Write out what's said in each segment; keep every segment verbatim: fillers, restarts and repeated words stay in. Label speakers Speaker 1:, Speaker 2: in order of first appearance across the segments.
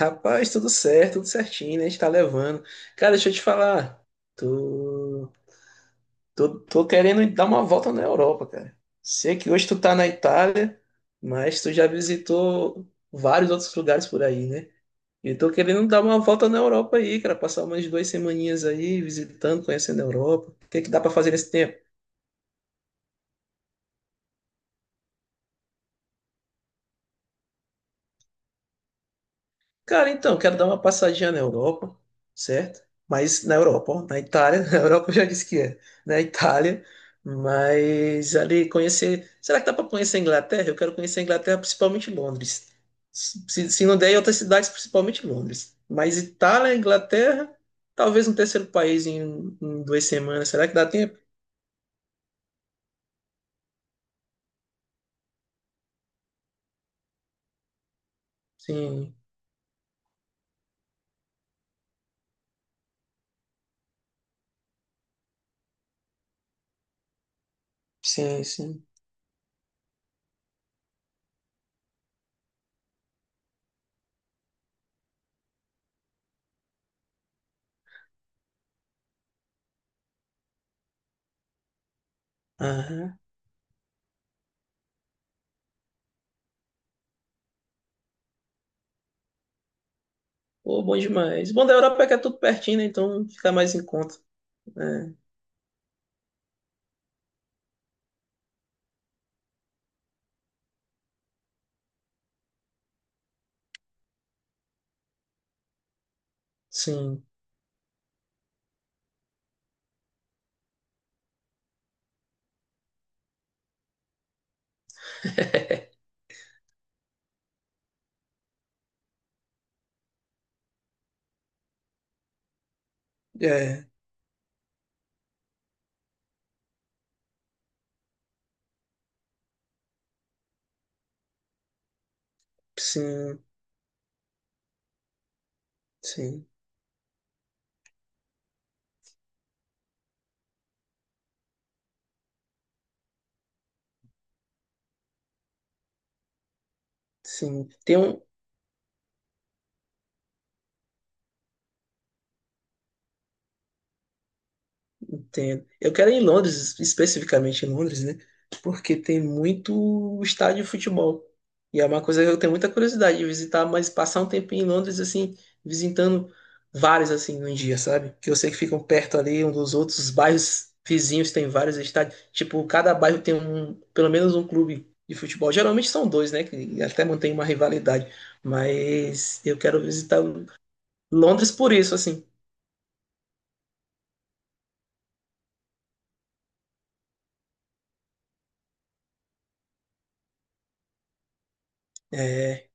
Speaker 1: Rapaz, tudo certo, tudo certinho, né? A gente tá levando. Cara, deixa eu te falar. Tô, tô, tô querendo dar uma volta na Europa, cara. Sei que hoje tu tá na Itália, mas tu já visitou vários outros lugares por aí, né? E tô querendo dar uma volta na Europa aí, cara. Passar umas duas semaninhas aí visitando, conhecendo a Europa. O que é que dá pra fazer nesse tempo? Cara, então, quero dar uma passadinha na Europa, certo? Mas na Europa, ó, na Itália, na Europa eu já disse que é, na Itália, mas ali conhecer. Será que dá para conhecer a Inglaterra? Eu quero conhecer a Inglaterra, principalmente Londres. Se, se não der, em outras cidades, principalmente Londres. Mas Itália, Inglaterra, talvez um terceiro país em, em duas semanas. Será que dá tempo? Sim, sim, sim. Aham. Pô, bom demais. Bom da Europa é que é tudo pertinho, né? Então fica mais em conta, né? Sim. É, sim, sim, sim. Tem um, entendo. Eu quero ir em Londres, especificamente em Londres, né? Porque tem muito estádio de futebol. E é uma coisa que eu tenho muita curiosidade de visitar, mas passar um tempinho em Londres, assim, visitando vários, assim, num dia, sabe? Que eu sei que ficam perto ali um dos outros, os bairros vizinhos têm vários estádios. Tipo, cada bairro tem um, pelo menos um clube de futebol. Geralmente são dois, né? Que até mantém uma rivalidade. Mas eu quero visitar Londres por isso, assim. É,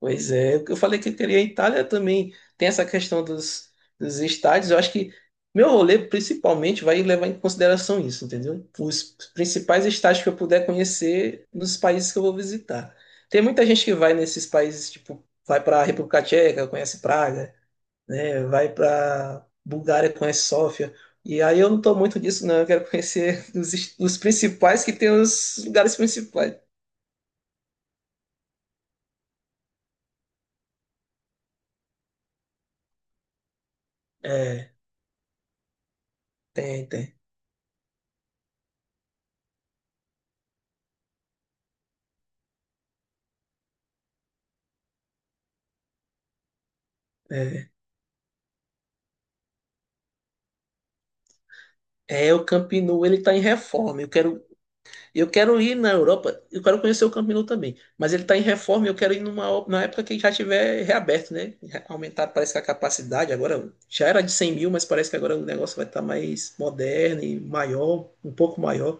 Speaker 1: pois é. Eu falei que eu queria a Itália também. Tem essa questão dos, dos estádios. Eu acho que meu rolê principalmente vai levar em consideração isso, entendeu? Os principais estádios que eu puder conhecer nos países que eu vou visitar. Tem muita gente que vai nesses países, tipo, vai para a República Tcheca, conhece Praga, né? Vai para Bulgária, conhece Sófia. E aí eu não tô muito disso, não. Eu quero conhecer os, os principais que tem os lugares principais. É, tem, tem. É, é, o Camp Nou, ele está em reforma. Eu quero, eu quero ir na Europa, eu quero conhecer o Camp Nou também. Mas ele está em reforma, e eu quero ir numa, o- na época que já tiver reaberto, né? Já aumentar, parece que a capacidade agora já era de cem mil, mas parece que agora o negócio vai estar mais moderno e maior, um pouco maior.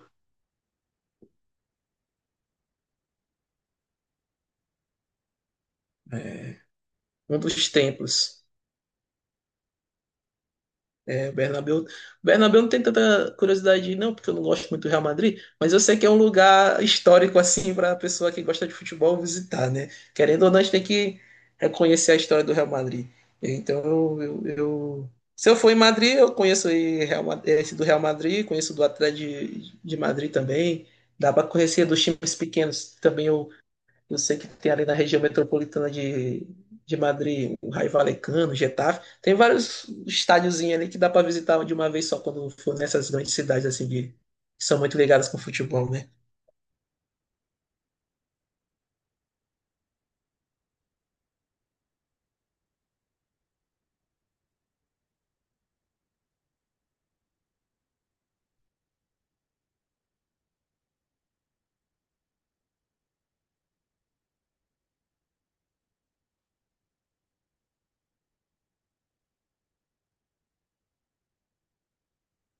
Speaker 1: É, um dos templos. É, Bernabéu. Bernabéu não tem tanta curiosidade, não, porque eu não gosto muito do Real Madrid, mas eu sei que é um lugar histórico, assim, para a pessoa que gosta de futebol visitar, né? Querendo ou não, a gente tem que reconhecer a história do Real Madrid. Então, eu, eu- eu- se eu for em Madrid, eu conheço aí Real Ma- esse do Real Madrid, conheço do Atlético de, de Madrid também. Dá para conhecer dos times pequenos também. Eu sei que tem ali na região metropolitana de, de Madrid, o Raio Vallecano, o Getafe. Tem vários estádiozinhos ali que dá para visitar de uma vez só quando for nessas grandes cidades assim de- que são muito ligadas com futebol, né?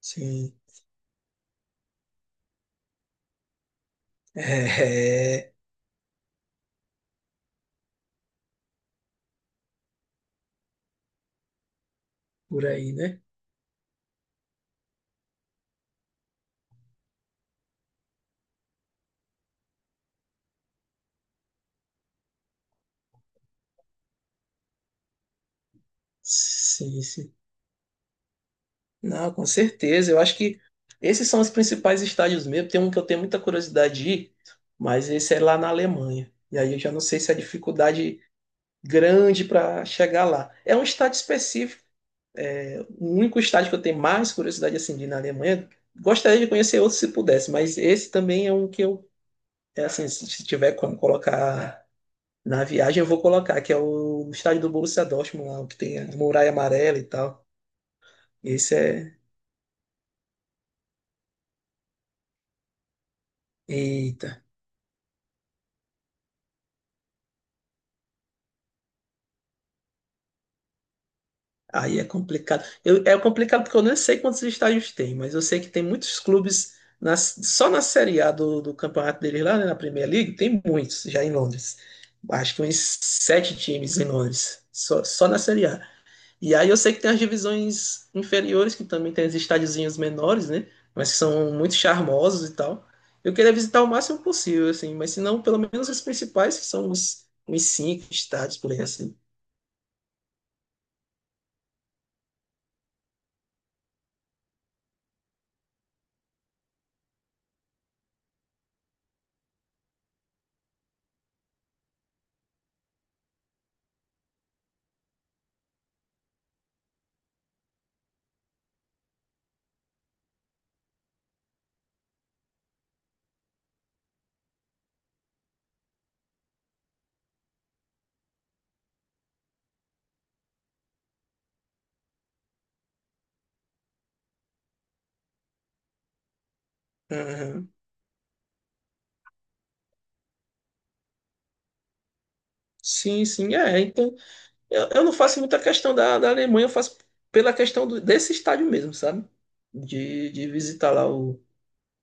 Speaker 1: Sim. É, é, por aí, né? Sim, sim. Não, com certeza. Eu acho que esses são os principais estádios mesmo. Tem um que eu tenho muita curiosidade de ir, mas esse é lá na Alemanha. E aí eu já não sei se é dificuldade grande para chegar lá. É um estádio específico. O único estádio que eu tenho mais curiosidade assim de ir na Alemanha, gostaria de conhecer outro se pudesse, mas esse também é um que eu, é assim, se tiver como colocar na viagem, eu vou colocar, que é o estádio do Borussia Dortmund lá, o que tem a muralha amarela e tal. Esse é, eita, aí é complicado. Eu- é complicado porque eu não sei quantos estádios tem, mas eu sei que tem muitos clubes na- só na Série A do, do campeonato deles lá, né, na Premier League, tem muitos já em Londres. Acho que uns sete times em Londres, só, só, na Série A. E aí eu sei que tem as divisões inferiores, que também tem os estádiozinhos menores, né? Mas que são muito charmosos e tal. Eu queria visitar o máximo possível, assim, mas se não, pelo menos os principais, que são os, os cinco estádios por aí, assim. Uhum. Sim, sim, é. Então, eu, eu não faço muita questão da, da Alemanha, eu faço pela questão do- desse estádio mesmo, sabe? De, de visitar lá o,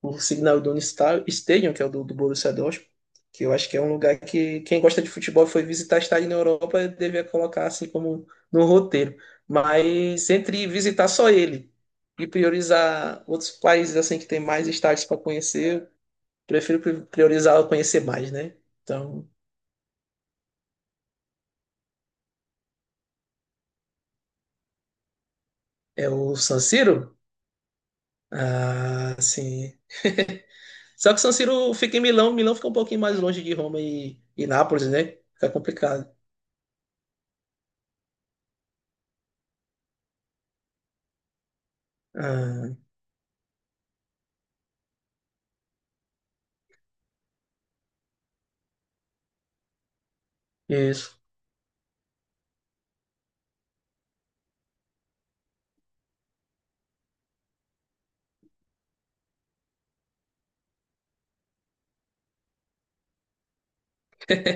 Speaker 1: o Signal Iduna Sta- Stadium, que é o do, do Borussia Dortmund, que eu acho que é um lugar que quem gosta de futebol e foi visitar estádio na Europa devia colocar assim como no roteiro. Mas entre visitar só ele e priorizar outros países assim que tem mais estádios para conhecer, eu prefiro pri- priorizar conhecer mais, né? Então, é o San Siro? Ah, sim. Só que o San Siro fica em Milão, Milão fica um pouquinho mais longe de Roma e, e Nápoles, né? Fica complicado. Ah, isso.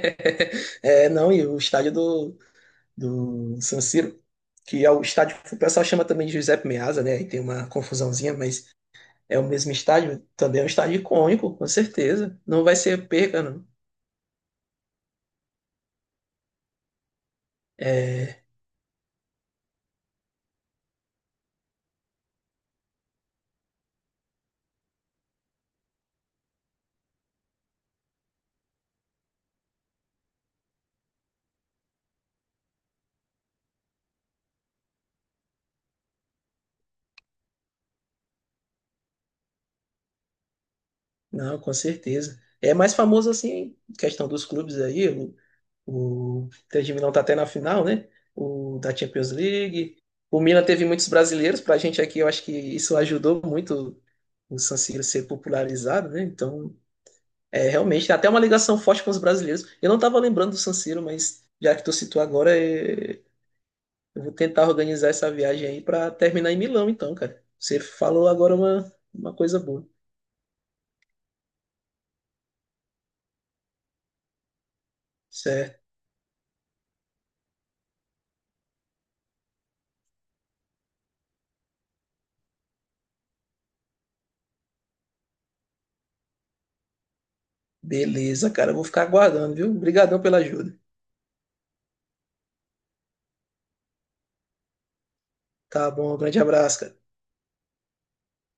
Speaker 1: É, não, e o estádio do, do San Siro, que é o estádio que o pessoal chama também de Giuseppe Meazza, né? Aí tem uma confusãozinha, mas é o mesmo estádio, também é um estádio icônico, com certeza. Não vai ser perca, não. É, não, com certeza. É mais famoso assim, questão dos clubes aí, o, o Inter de Milão tá até na final, né? O da Champions League. O Milan teve muitos brasileiros, pra gente aqui eu acho que isso ajudou muito o San Siro ser popularizado, né? Então, é, realmente, tem até uma ligação forte com os brasileiros. Eu não estava lembrando do San Siro, mas já que tu citou agora, é, eu vou tentar organizar essa viagem aí para terminar em Milão, então, cara. Você falou agora uma, uma coisa boa. Certo. Beleza, cara. Eu vou ficar aguardando, viu? Obrigadão pela ajuda. Tá bom, um grande abraço, cara.